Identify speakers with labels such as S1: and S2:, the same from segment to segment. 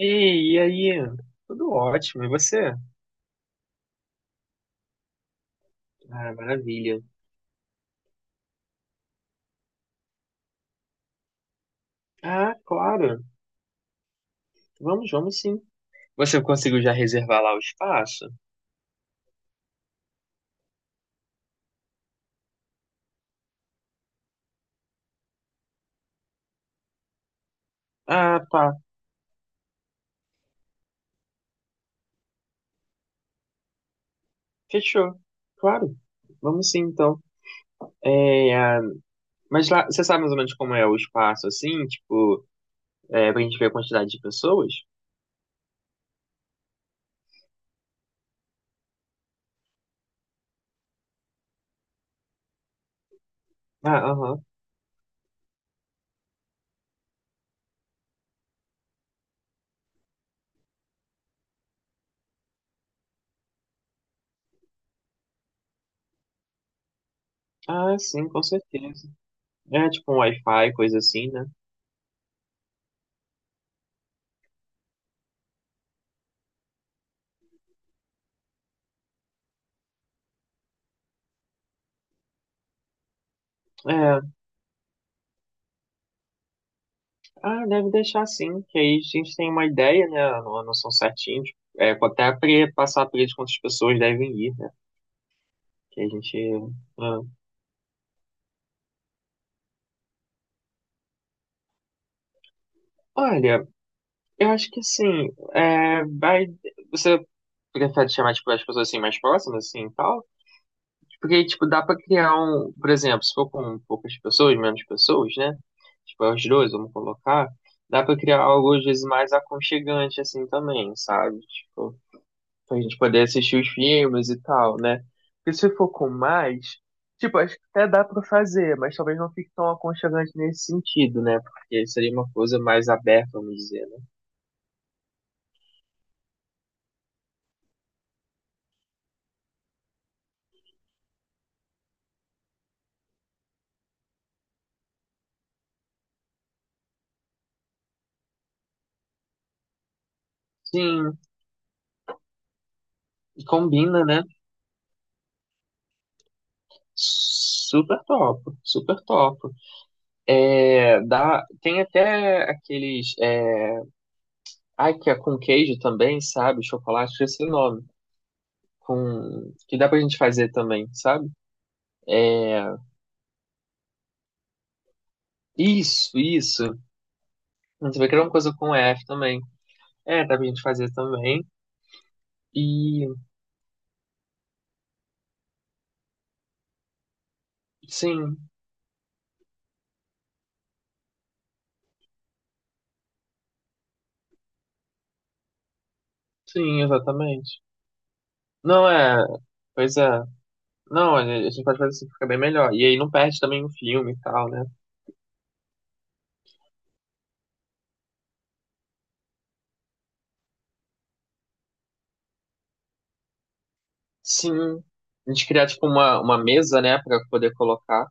S1: Ei, e aí? Tudo ótimo, e você? Ah, maravilha. Ah, claro. Vamos sim. Você conseguiu já reservar lá o espaço? Ah, tá. Fechou. Claro. Vamos sim, então. É, ah, mas lá, você sabe mais ou menos como é o espaço, assim? Tipo, pra gente ver a quantidade de pessoas? Ah, aham. Ah, sim, com certeza. É tipo um Wi-Fi, coisa assim, né? É. Ah, deve deixar sim, que aí a gente tem uma ideia, né? Uma noção certinha, de, até passar para eles quantas pessoas devem ir, né? Que a gente. Ah. Olha, eu acho que assim, vai. Você prefere chamar tipo, as pessoas assim mais próximas, assim, e tal? Porque, tipo, dá para criar um, por exemplo, se for com poucas pessoas, menos pessoas, né? Tipo, é os dois, vamos colocar, dá para criar algo às vezes mais aconchegante, assim, também, sabe? Tipo. Pra gente poder assistir os filmes e tal, né? Porque se for com mais, tipo, acho que até dá pra fazer, mas talvez não fique tão aconchegante nesse sentido, né? Porque seria uma coisa mais aberta, vamos dizer, né? Sim, e combina, né? Super top, super top. É, dá, tem até aqueles. É, ai, que é com queijo também, sabe? Chocolate, esse nome. Com, que dá pra gente fazer também, sabe? Isso, isso. A gente vai criar uma coisa com F também. É, dá pra gente fazer também. E sim, sim, exatamente. Não é. Pois é. Não, olha, a gente pode fazer assim, fica bem melhor. E aí não perde também o filme e tal, né? Sim. A gente criar, tipo, uma mesa, né, pra poder colocar.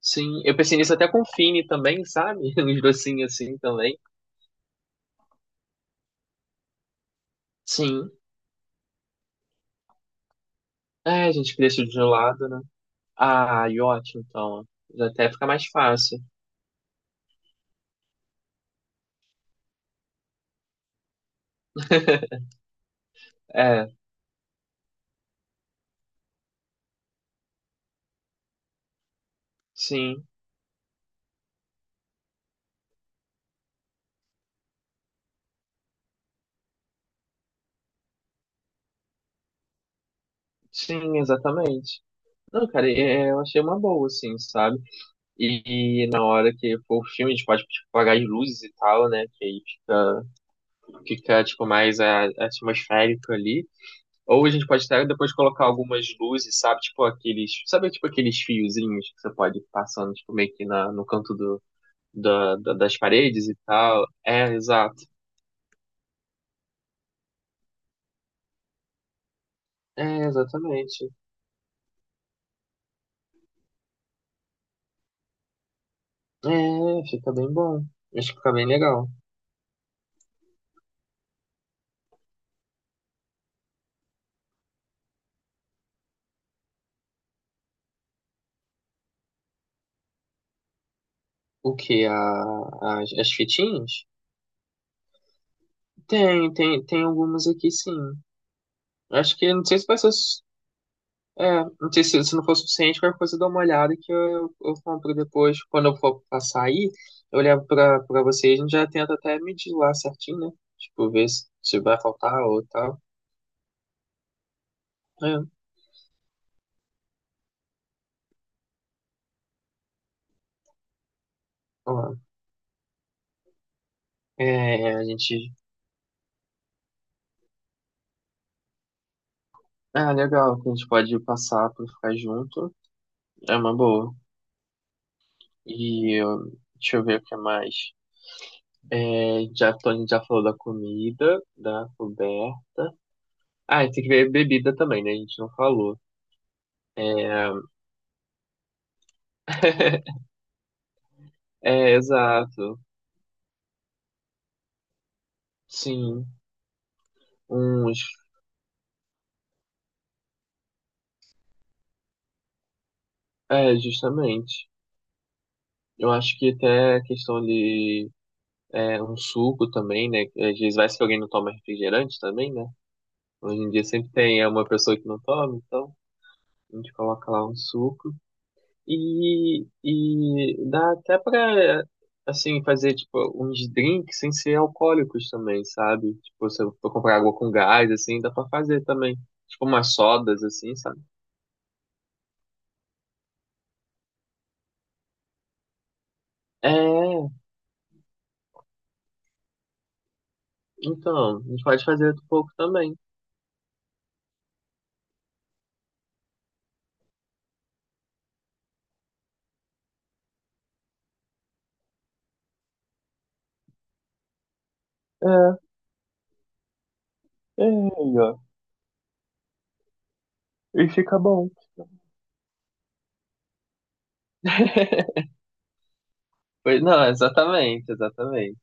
S1: Sim. Eu pensei nisso até com o Fini também, sabe? Uns docinhos assim também. Sim. É, a gente cria isso de um lado, né? Ah, e ótimo, então. Já até fica mais fácil. É, sim. Sim, exatamente. Não, cara, eu achei uma boa, assim, sabe? E na hora que for o filme, a gente pode tipo, apagar as luzes e tal, né? Que aí fica, fica tipo, mais atmosférico ali. Ou a gente pode até depois colocar algumas luzes, sabe? Tipo aqueles. Sabe, tipo aqueles fiozinhos que você pode ir passando, tipo, meio que na, no canto do, das paredes e tal. É, exato. É, exatamente. É, fica bem bom. Acho que fica bem legal. O que as fitinhas? Tem, tem, tem algumas aqui sim. Acho que não sei se vai ser É, não sei se, se não for suficiente, qualquer coisa eu dou uma olhada que eu compro depois. Quando eu for passar aí eu levo pra, pra vocês, a gente já tenta até medir lá certinho, né? Tipo, ver se, se vai faltar ou tal. É, ó, é, a gente. Ah, legal, que a gente pode passar pra ficar junto. É uma boa. E ó, deixa eu ver o que mais. A gente já falou da comida, da coberta. Ah, e tem que ver bebida também, né? A gente não falou. É, exato. Sim, uns. É, justamente. Eu acho que até a questão de É, um suco também, né? Às vezes vai que alguém não toma refrigerante também, né? Hoje em dia sempre tem uma pessoa que não toma, então a gente coloca lá um suco. E dá até pra, assim, fazer, tipo, uns drinks sem ser alcoólicos também, sabe? Tipo, se eu for comprar água com gás, assim, dá pra fazer também. Tipo, umas sodas, assim, sabe? É, então, a gente pode fazer um pouco também. É, é aí, ó. E fica bom. Não, exatamente, exatamente.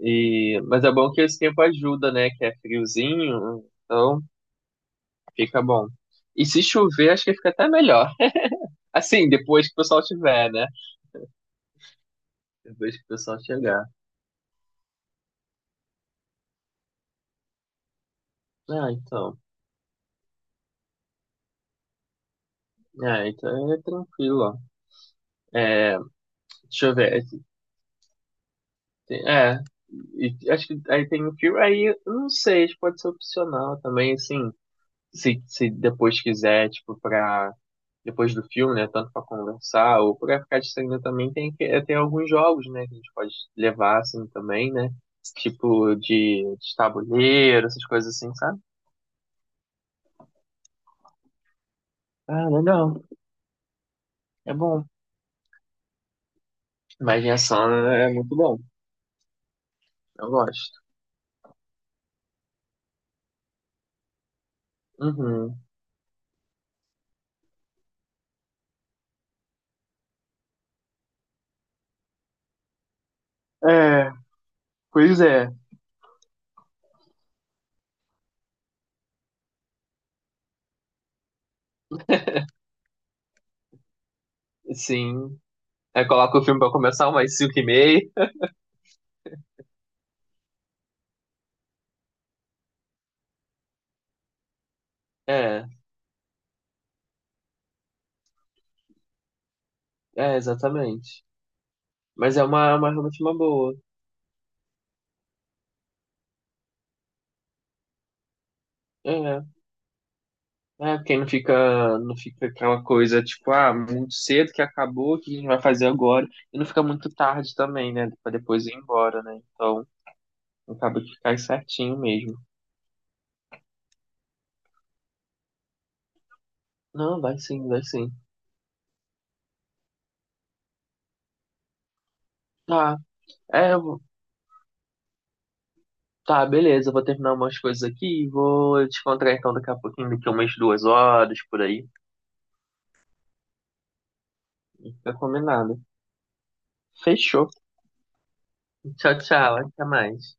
S1: E, mas é bom que esse tempo ajuda, né? Que é friozinho, então fica bom. E se chover, acho que fica até melhor. Assim, depois que o pessoal tiver, né? Depois que o pessoal chegar. Ah, então. É, então é tranquilo, ó. É, deixa eu ver. É, e acho que aí tem um filme. Aí, eu não sei, acho que pode ser opcional também, assim. Se depois quiser, tipo, pra. Depois do filme, né? Tanto para conversar ou para ficar distraindo também, tem alguns jogos, né? Que a gente pode levar, assim, também, né? Tipo de tabuleiro, essas coisas assim, sabe? Ah, legal. É bom. Imaginação é muito bom. Eu gosto. Uhum. É, pois é. Sim. Aí coloca o filme pra começar umas 5:30. É, exatamente. Mas é uma realmente uma boa. É. É, porque não fica, não fica aquela coisa, tipo, ah, muito cedo que acabou, o que a gente vai fazer agora? E não fica muito tarde também, né? Pra depois ir embora, né? Então, acaba que cai certinho mesmo. Não, vai sim, vai sim. Tá, é, eu vou- tá, beleza, eu vou terminar umas coisas aqui e vou te encontrar então daqui a pouquinho, daqui a umas 2 horas, por aí. Fica combinado. Fechou. Tchau, tchau, até mais.